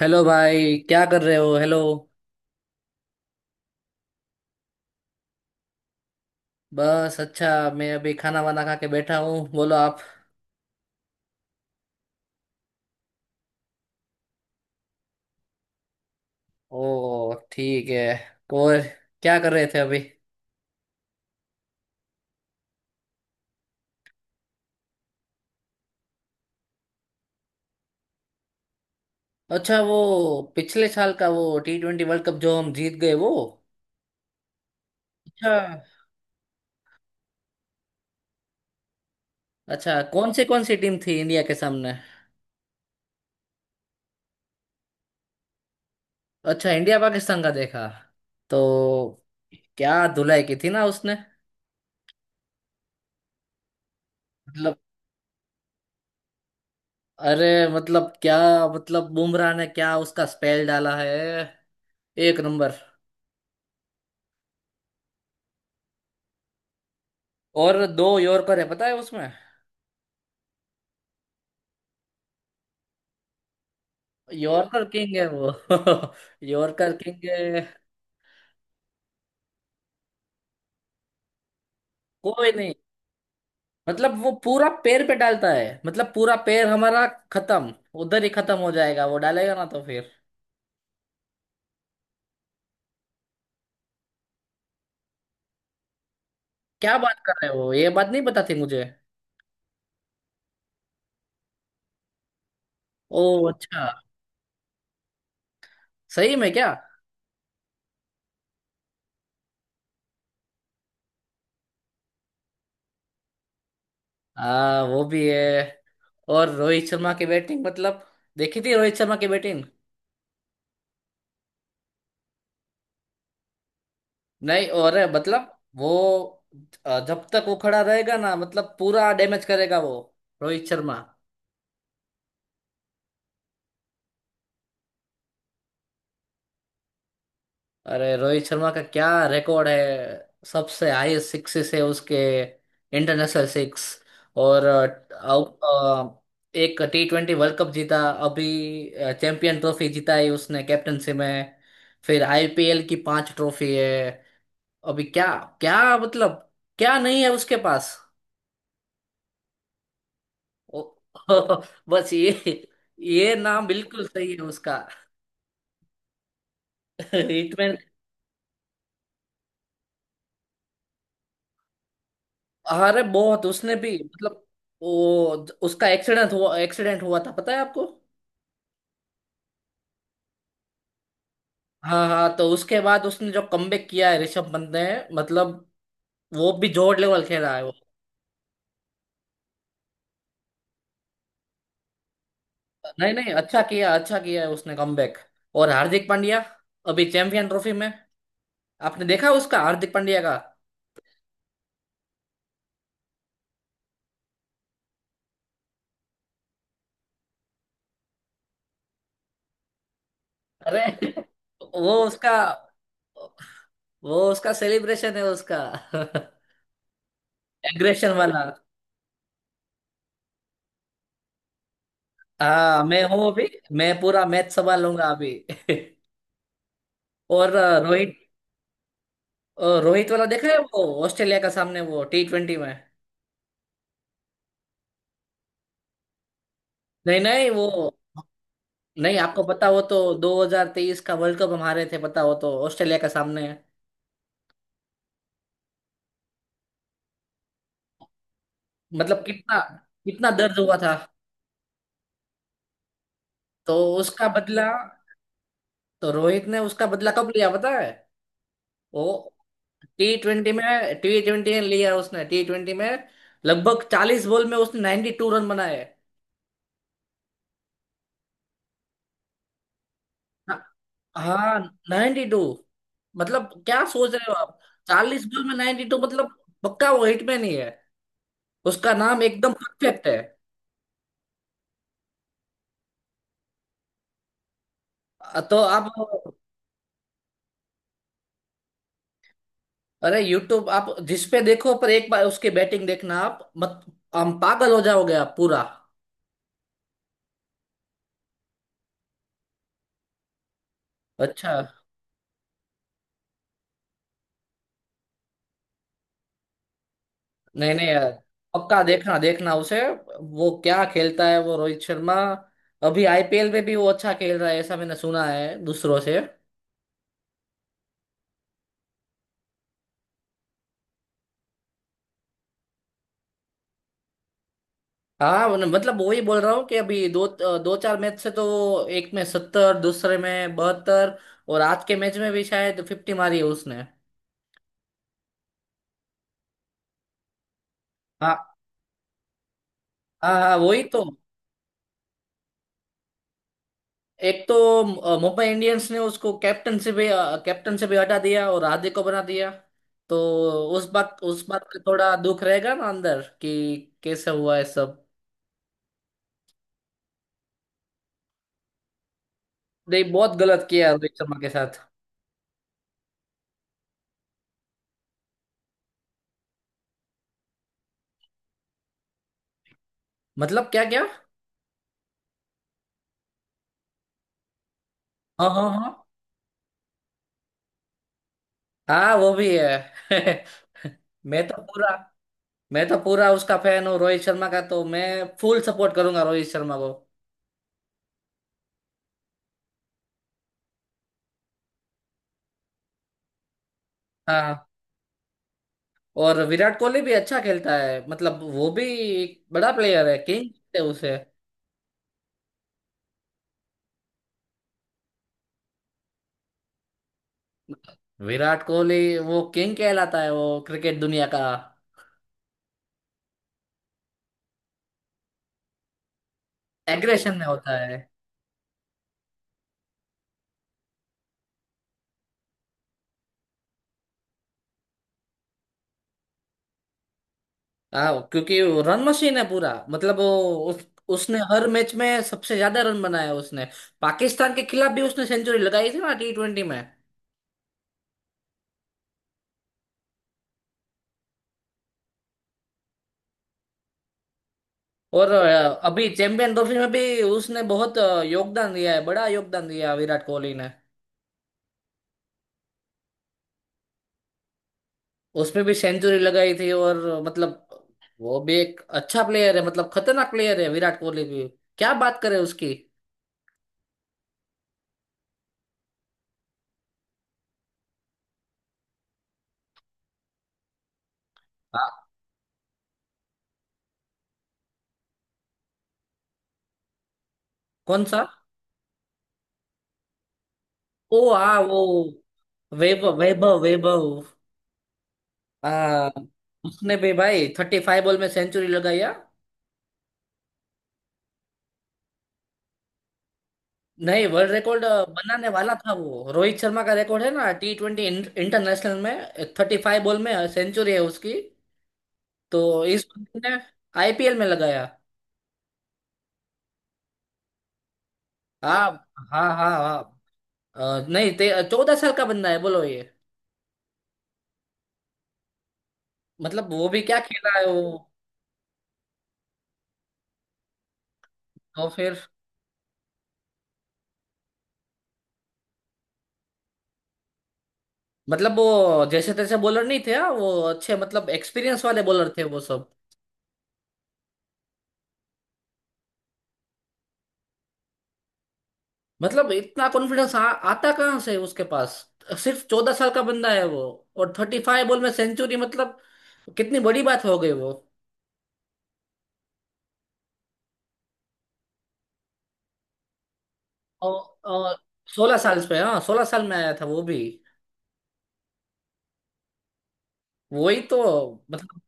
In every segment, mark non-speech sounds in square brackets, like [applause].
Hello भाई, क्या कर रहे हो? हेलो। बस अच्छा। मैं अभी खाना वाना खा के बैठा हूँ, बोलो आप। ओ ठीक है। और क्या कर रहे थे अभी? अच्छा, वो पिछले साल का वो टी ट्वेंटी वर्ल्ड कप जो हम जीत गए वो? अच्छा। अच्छा, कौन सी टीम थी इंडिया के सामने? अच्छा, इंडिया पाकिस्तान का देखा तो क्या धुलाई की थी ना उसने। मतलब, अरे मतलब क्या, मतलब बुमराह ने क्या उसका स्पेल डाला है, एक नंबर। और दो यॉर्कर है पता है उसमें। यॉर्कर किंग है वो। [laughs] यॉर्कर किंग है। कोई नहीं, मतलब वो पूरा पैर पे डालता है, मतलब पूरा पैर हमारा खत्म। उधर ही खत्म हो जाएगा, वो डालेगा ना तो फिर। क्या बात कर रहे हो, ये बात नहीं पता थी मुझे। ओ अच्छा, सही में क्या। हाँ वो भी है। और रोहित शर्मा की बैटिंग, मतलब देखी थी रोहित शर्मा की बैटिंग। नहीं और है, मतलब वो, जब तक वो खड़ा रहेगा ना मतलब पूरा डैमेज करेगा वो, रोहित शर्मा। अरे रोहित शर्मा का क्या रिकॉर्ड है, सबसे हाईएस्ट सिक्सेस है उसके, इंटरनेशनल सिक्स। और एक टी ट्वेंटी वर्ल्ड कप जीता, अभी चैंपियन ट्रॉफी जीता है उसने कैप्टनसी में, फिर आईपीएल की 5 ट्रॉफी है। अभी क्या, क्या मतलब, क्या नहीं है उसके पास। ओ, [laughs] बस ये नाम बिल्कुल सही है उसका। [laughs] हिटमैन। अरे बहुत उसने भी, मतलब वो उसका एक्सीडेंट हुआ था पता है आपको। हाँ हाँ, तो उसके बाद उसने जो कमबैक किया है ऋषभ पंत ने, मतलब वो भी जोर लेवल खेला है वो। नहीं नहीं, अच्छा किया, अच्छा किया है उसने कमबैक। और हार्दिक पांड्या, अभी चैंपियन ट्रॉफी में आपने देखा उसका, हार्दिक पांड्या का। अरे। [laughs] वो उसका, वो उसका सेलिब्रेशन है उसका। [laughs] एग्रेशन वाला। हाँ, मैं हूँ अभी, मैं पूरा मैच संभाल लूंगा अभी। [laughs] और रोहित, रोहित वाला देखा है वो ऑस्ट्रेलिया का सामने वो टी ट्वेंटी में। नहीं नहीं वो, नहीं आपको पता हो तो 2023 का वर्ल्ड कप हम हारे थे पता हो तो, ऑस्ट्रेलिया का सामने। मतलब कितना, कितना दर्द हुआ था। तो उसका बदला, तो रोहित ने उसका बदला कब लिया पता है, वो टी ट्वेंटी में, टी ट्वेंटी में लिया उसने, टी ट्वेंटी में लगभग 40 बॉल में उसने 92 रन बनाए। हाँ 92, मतलब क्या सोच रहे हो आप, 40 बॉल में 92 मतलब, पक्का वो हिटमैन ही है, उसका नाम एकदम परफेक्ट है। तो आप, अरे यूट्यूब आप जिस पे देखो पर एक बार उसकी बैटिंग देखना आप, मत, हम पागल हो जाओगे आप पूरा। अच्छा। नहीं नहीं यार, पक्का देखना, देखना उसे, वो क्या खेलता है वो रोहित शर्मा। अभी आईपीएल में भी वो अच्छा खेल रहा है, ऐसा मैंने सुना है दूसरों से। हाँ, मतलब वही बोल रहा हूँ कि अभी दो दो चार मैच से तो वो एक में 70, दूसरे में 72, और आज के मैच में भी शायद 50 मारी है उसने। हाँ हाँ हाँ, वही तो। एक तो मुंबई इंडियंस ने उसको कैप्टन से भी हटा दिया और हार्दिक को बना दिया, तो उस बात का थोड़ा दुख रहेगा ना अंदर कि कैसे हुआ है सब। नहीं, बहुत गलत किया रोहित शर्मा के साथ। मतलब क्या क्या। हाँ हाँ हाँ हाँ वो भी है। [laughs] मैं तो पूरा मैं तो पूरा उसका फैन हूँ रोहित शर्मा का, तो मैं फुल सपोर्ट करूंगा रोहित शर्मा को। हाँ, और विराट कोहली भी अच्छा खेलता है, मतलब वो भी एक बड़ा प्लेयर है, किंग है उसे। विराट कोहली, वो किंग कहलाता है वो, क्रिकेट दुनिया का। एग्रेशन में होता है। हाँ, क्योंकि वो रन मशीन है पूरा, मतलब वो, उसने हर मैच में सबसे ज्यादा रन बनाया उसने। पाकिस्तान के खिलाफ भी उसने सेंचुरी लगाई थी ना टी ट्वेंटी में। और अभी चैंपियन ट्रॉफी में भी उसने बहुत योगदान दिया है, बड़ा योगदान दिया विराट कोहली ने। उसमें भी सेंचुरी लगाई थी, और मतलब वो भी एक अच्छा प्लेयर है, मतलब खतरनाक प्लेयर है विराट कोहली भी, क्या बात करें उसकी। हाँ, कौन सा? ओ आ वो वैभव वैभव वैभव। आ उसने भी भाई 35 बॉल में सेंचुरी लगाई है। नहीं, वर्ल्ड रिकॉर्ड बनाने वाला था वो, रोहित शर्मा का रिकॉर्ड है ना टी ट्वेंटी इंटरनेशनल में, 35 बॉल में सेंचुरी है उसकी, तो इस बंदे ने आईपीएल में लगाया। हाँ हाँ हाँ हाँ। अ, नहीं ते 14 साल का बंदा है बोलो ये। मतलब वो भी क्या खेला है वो, तो फिर मतलब वो, जैसे तैसे बॉलर नहीं थे, हाँ, वो अच्छे मतलब एक्सपीरियंस वाले बॉलर थे वो सब। मतलब इतना कॉन्फिडेंस आता कहाँ से उसके पास, सिर्फ 14 साल का बंदा है वो, और 35 बॉल में सेंचुरी मतलब कितनी बड़ी बात हो गई वो। और 16 साल पे, हाँ 16 साल में आया था वो भी। वही तो, मतलब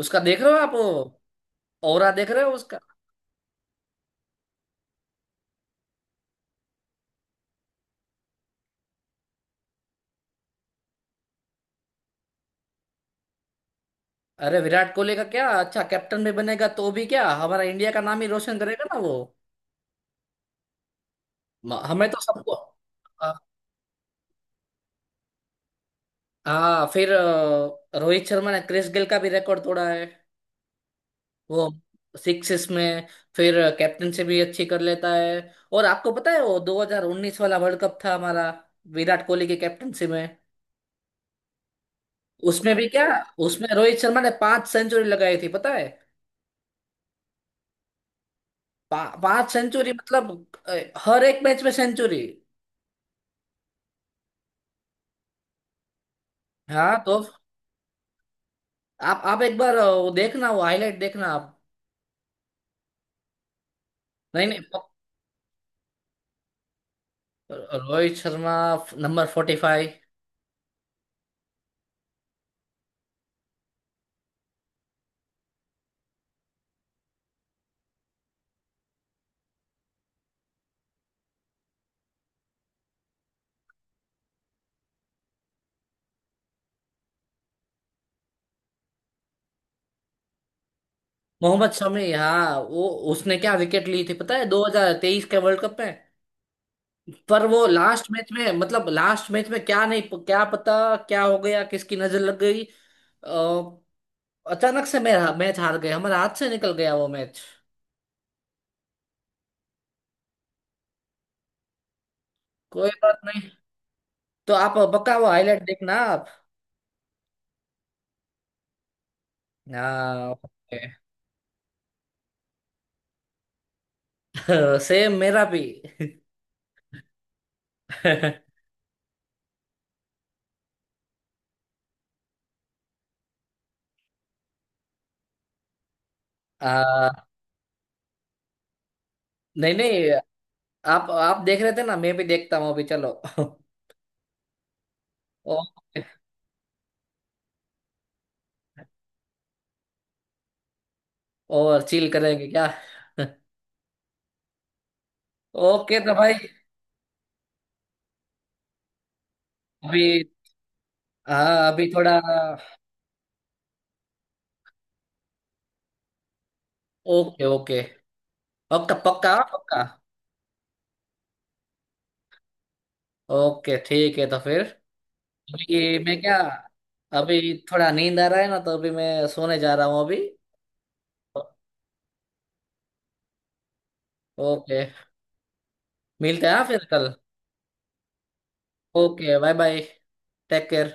उसका देख रहे हो आप, वो ऑरा देख रहे हो उसका। अरे विराट कोहली का क्या, अच्छा कैप्टन भी बनेगा तो भी क्या हमारा इंडिया का नाम ही रोशन करेगा ना वो। हमें तो सबको। हाँ, हाँ, फिर रोहित शर्मा ने क्रिस गेल का भी रिकॉर्ड तोड़ा है वो सिक्स में। फिर कैप्टन से भी अच्छी कर लेता है, और आपको पता है वो 2019 वाला वर्ल्ड कप था हमारा विराट कोहली की कैप्टनसी में, उसमें भी क्या, उसमें रोहित शर्मा ने 5 सेंचुरी लगाई थी पता है। पा, 5 सेंचुरी मतलब अ, हर एक मैच में सेंचुरी। हाँ, तो आप एक बार वो देखना, वो हाईलाइट देखना आप। नहीं नहीं रोहित शर्मा नंबर 45। मोहम्मद शमी, हाँ वो उसने क्या विकेट ली थी पता है 2023 के वर्ल्ड कप में। पर वो लास्ट मैच में, मतलब लास्ट मैच में क्या नहीं, क्या पता क्या हो गया, किसकी नजर लग गई, अ, अचानक से मेरा मैच हार गए, हमारे हाथ से निकल गया वो मैच। कोई बात नहीं। तो आप पक्का वो हाईलाइट देखना आप। हाँ ओके। [laughs] सेम मेरा भी। [laughs] आ, नहीं नहीं, आप आप देख रहे थे ना, मैं भी देखता हूँ अभी, चलो। [laughs] ओके। और चिल करेंगे क्या? [laughs] ओके तो भाई, अभी। हाँ अभी थोड़ा। Okay okay. पक्का पक्का पक्का। ओके ठीक है तो फिर, कि मैं क्या, अभी थोड़ा नींद आ रहा है ना, तो अभी मैं सोने जा रहा हूँ अभी। ओके, मिलते हैं हाँ फिर कल। Okay bye bye. Take care.